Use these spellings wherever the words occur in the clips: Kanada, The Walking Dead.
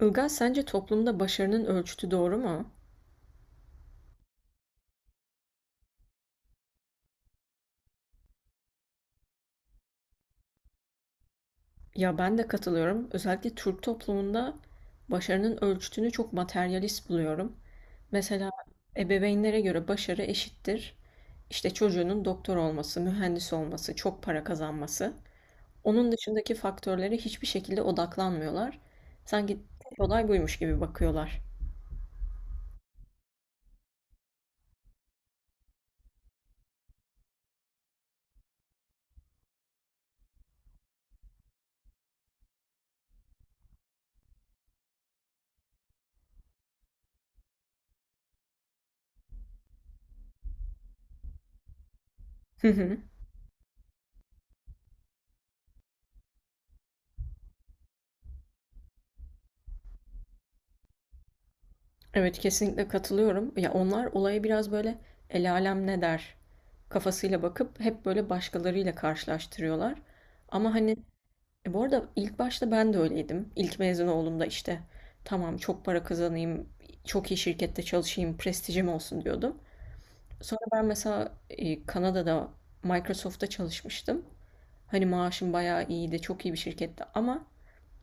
Ilgaz, sence toplumda başarının ölçütü doğru mu? Ya ben de katılıyorum. Özellikle Türk toplumunda başarının ölçütünü çok materyalist buluyorum. Mesela ebeveynlere göre başarı eşittir. İşte çocuğunun doktor olması, mühendis olması, çok para kazanması. Onun dışındaki faktörlere hiçbir şekilde odaklanmıyorlar. Sanki tek olay buymuş gibi bakıyorlar. Evet, kesinlikle katılıyorum. Ya onlar olaya biraz böyle el alem ne der kafasıyla bakıp hep böyle başkalarıyla karşılaştırıyorlar. Ama hani bu arada ilk başta ben de öyleydim. İlk mezun olduğumda işte tamam çok para kazanayım, çok iyi şirkette çalışayım, prestijim olsun diyordum. Sonra ben mesela Kanada'da Microsoft'ta çalışmıştım. Hani maaşım bayağı iyiydi, çok iyi bir şirkette ama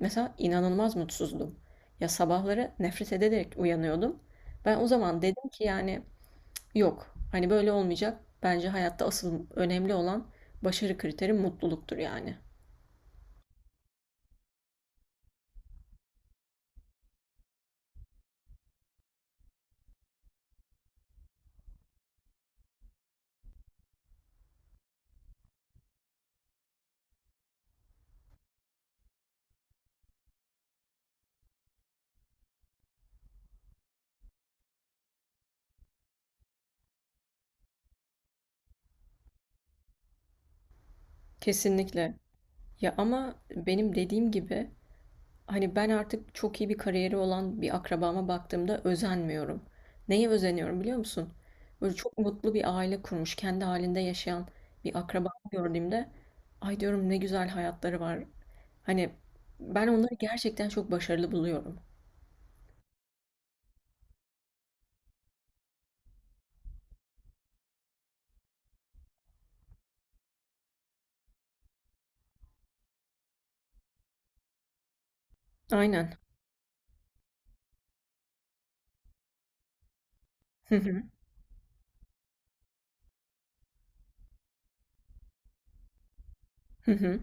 mesela inanılmaz mutsuzdum. Ya sabahları nefret ederek uyanıyordum. Ben o zaman dedim ki yani yok, hani böyle olmayacak. Bence hayatta asıl önemli olan başarı kriteri mutluluktur yani. Kesinlikle. Ya ama benim dediğim gibi hani ben artık çok iyi bir kariyeri olan bir akrabama baktığımda özenmiyorum. Neye özeniyorum biliyor musun? Böyle çok mutlu bir aile kurmuş, kendi halinde yaşayan bir akrabamı gördüğümde ay diyorum ne güzel hayatları var. Hani ben onları gerçekten çok başarılı buluyorum. Aynen. Hı hı. Hı hı.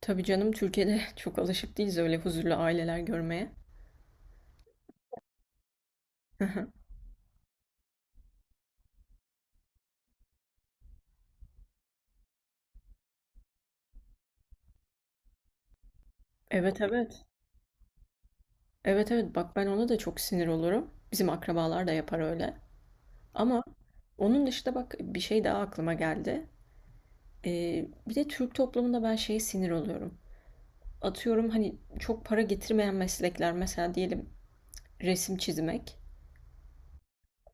Tabii canım Türkiye'de çok alışık değiliz öyle huzurlu aileler görmeye. Hı hı. Evet, evet. Evet, evet, bak ben ona da çok sinir olurum. Bizim akrabalar da yapar öyle. Ama onun dışında bak bir şey daha aklıma geldi. Bir de Türk toplumunda ben şeye sinir oluyorum. Atıyorum hani çok para getirmeyen meslekler mesela diyelim resim çizmek.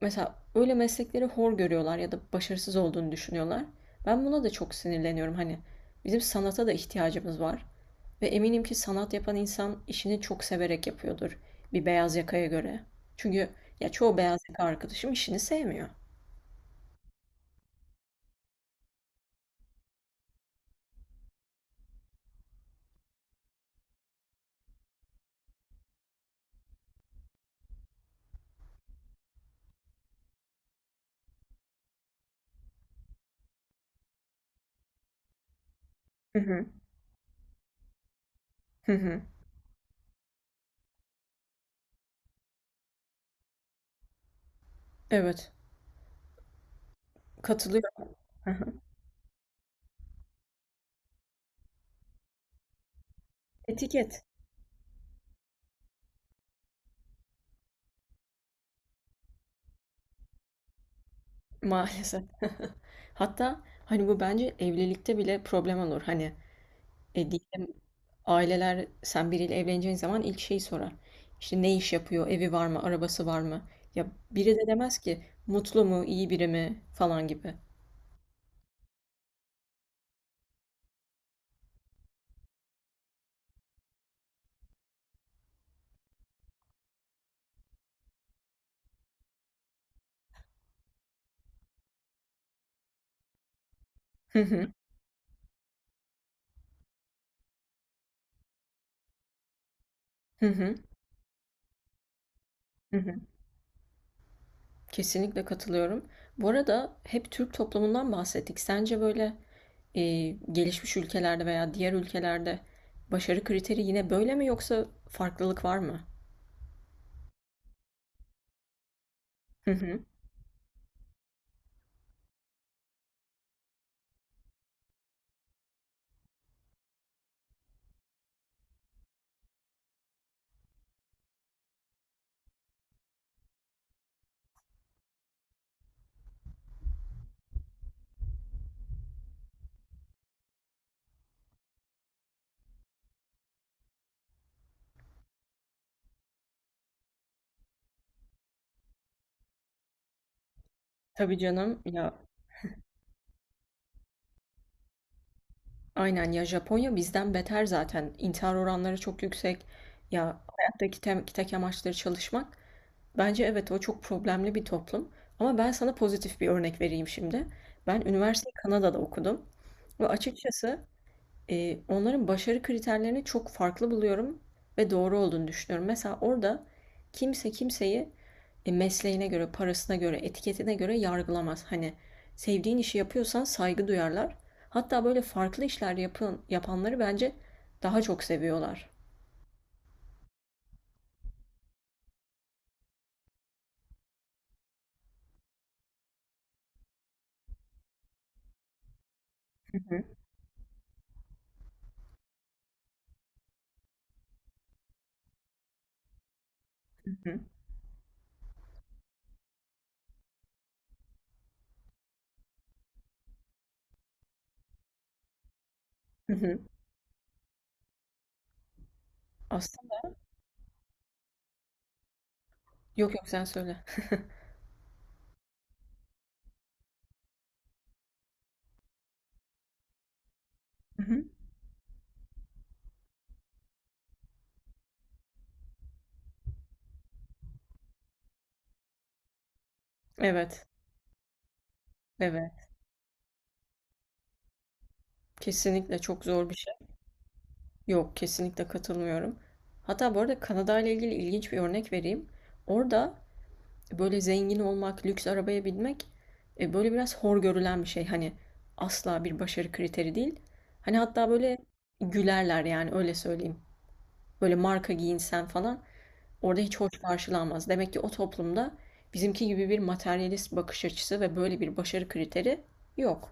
Mesela öyle meslekleri hor görüyorlar ya da başarısız olduğunu düşünüyorlar. Ben buna da çok sinirleniyorum. Hani bizim sanata da ihtiyacımız var. Ve eminim ki sanat yapan insan işini çok severek yapıyordur. Bir beyaz yakaya göre. Çünkü ya çoğu beyaz yaka arkadaşım işini sevmiyor. Hı hı. Hı hı. Evet. Katılıyorum. Hı hı. Etiket maalesef. Hatta hani bu bence evlilikte bile problem olur. Hani diyelim aileler sen biriyle evleneceğin zaman ilk şeyi sorar. İşte ne iş yapıyor, evi var mı, arabası var mı? Ya biri de demez ki mutlu mu, iyi biri mi falan gibi. Hı hı, hı hı, hı hı. Kesinlikle katılıyorum. Bu arada hep Türk toplumundan bahsettik. Sence böyle e, gelişmiş ülkelerde veya diğer ülkelerde başarı kriteri yine böyle mi yoksa farklılık var mı? Hı hı. Tabii canım ya, aynen ya, Japonya bizden beter zaten. İntihar oranları çok yüksek. Ya hayattaki tek amaçları çalışmak. Bence evet o çok problemli bir toplum. Ama ben sana pozitif bir örnek vereyim şimdi. Ben üniversiteyi Kanada'da okudum. Ve açıkçası onların başarı kriterlerini çok farklı buluyorum ve doğru olduğunu düşünüyorum. Mesela orada kimse kimseyi mesleğine göre, parasına göre, etiketine göre yargılamaz. Hani sevdiğin işi yapıyorsan saygı duyarlar. Hatta böyle farklı işler yapın, yapanları bence daha çok seviyorlar. Hı hı, hı hı. Aslında yok, yok, sen söyle. Hı hı. Evet, evet. Kesinlikle çok zor bir şey. Yok, kesinlikle katılmıyorum. Hatta bu arada Kanada ile ilgili ilginç bir örnek vereyim. Orada böyle zengin olmak, lüks arabaya binmek böyle biraz hor görülen bir şey. Hani asla bir başarı kriteri değil. Hani hatta böyle gülerler yani, öyle söyleyeyim. Böyle marka giyinsen falan orada hiç hoş karşılanmaz. Demek ki o toplumda bizimki gibi bir materyalist bakış açısı ve böyle bir başarı kriteri yok.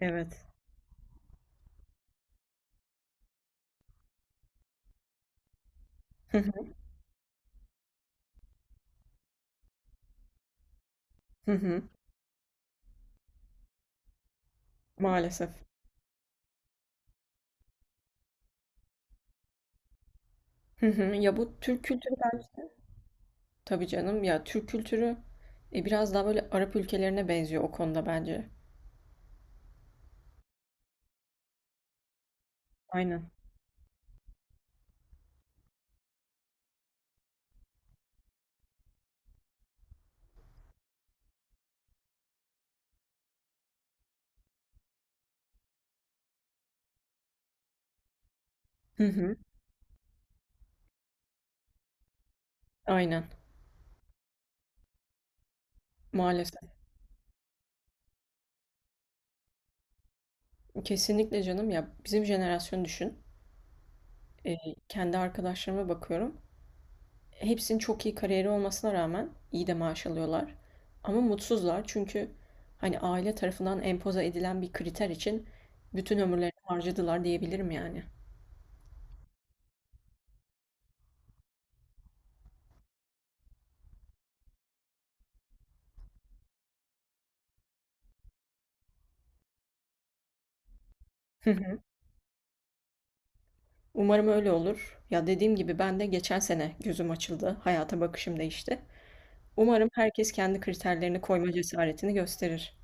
Evet. Hı hı. Maalesef. Hı hı. Ya bu Türk kültürü bence. Tabii canım ya Türk kültürü biraz daha böyle Arap ülkelerine benziyor o konuda bence. Aynen. Hı hı. Aynen. Maalesef. Kesinlikle canım ya, bizim jenerasyonu düşün. Ee, Kendi arkadaşlarıma bakıyorum. Hepsinin çok iyi kariyeri olmasına rağmen iyi de maaş alıyorlar. Ama mutsuzlar çünkü hani aile tarafından empoze edilen bir kriter için bütün ömürlerini harcadılar diyebilirim yani. Hı hı. Umarım öyle olur. Ya dediğim gibi ben de geçen sene gözüm açıldı. Hayata bakışım değişti. Umarım herkes kendi kriterlerini koyma cesaretini gösterir.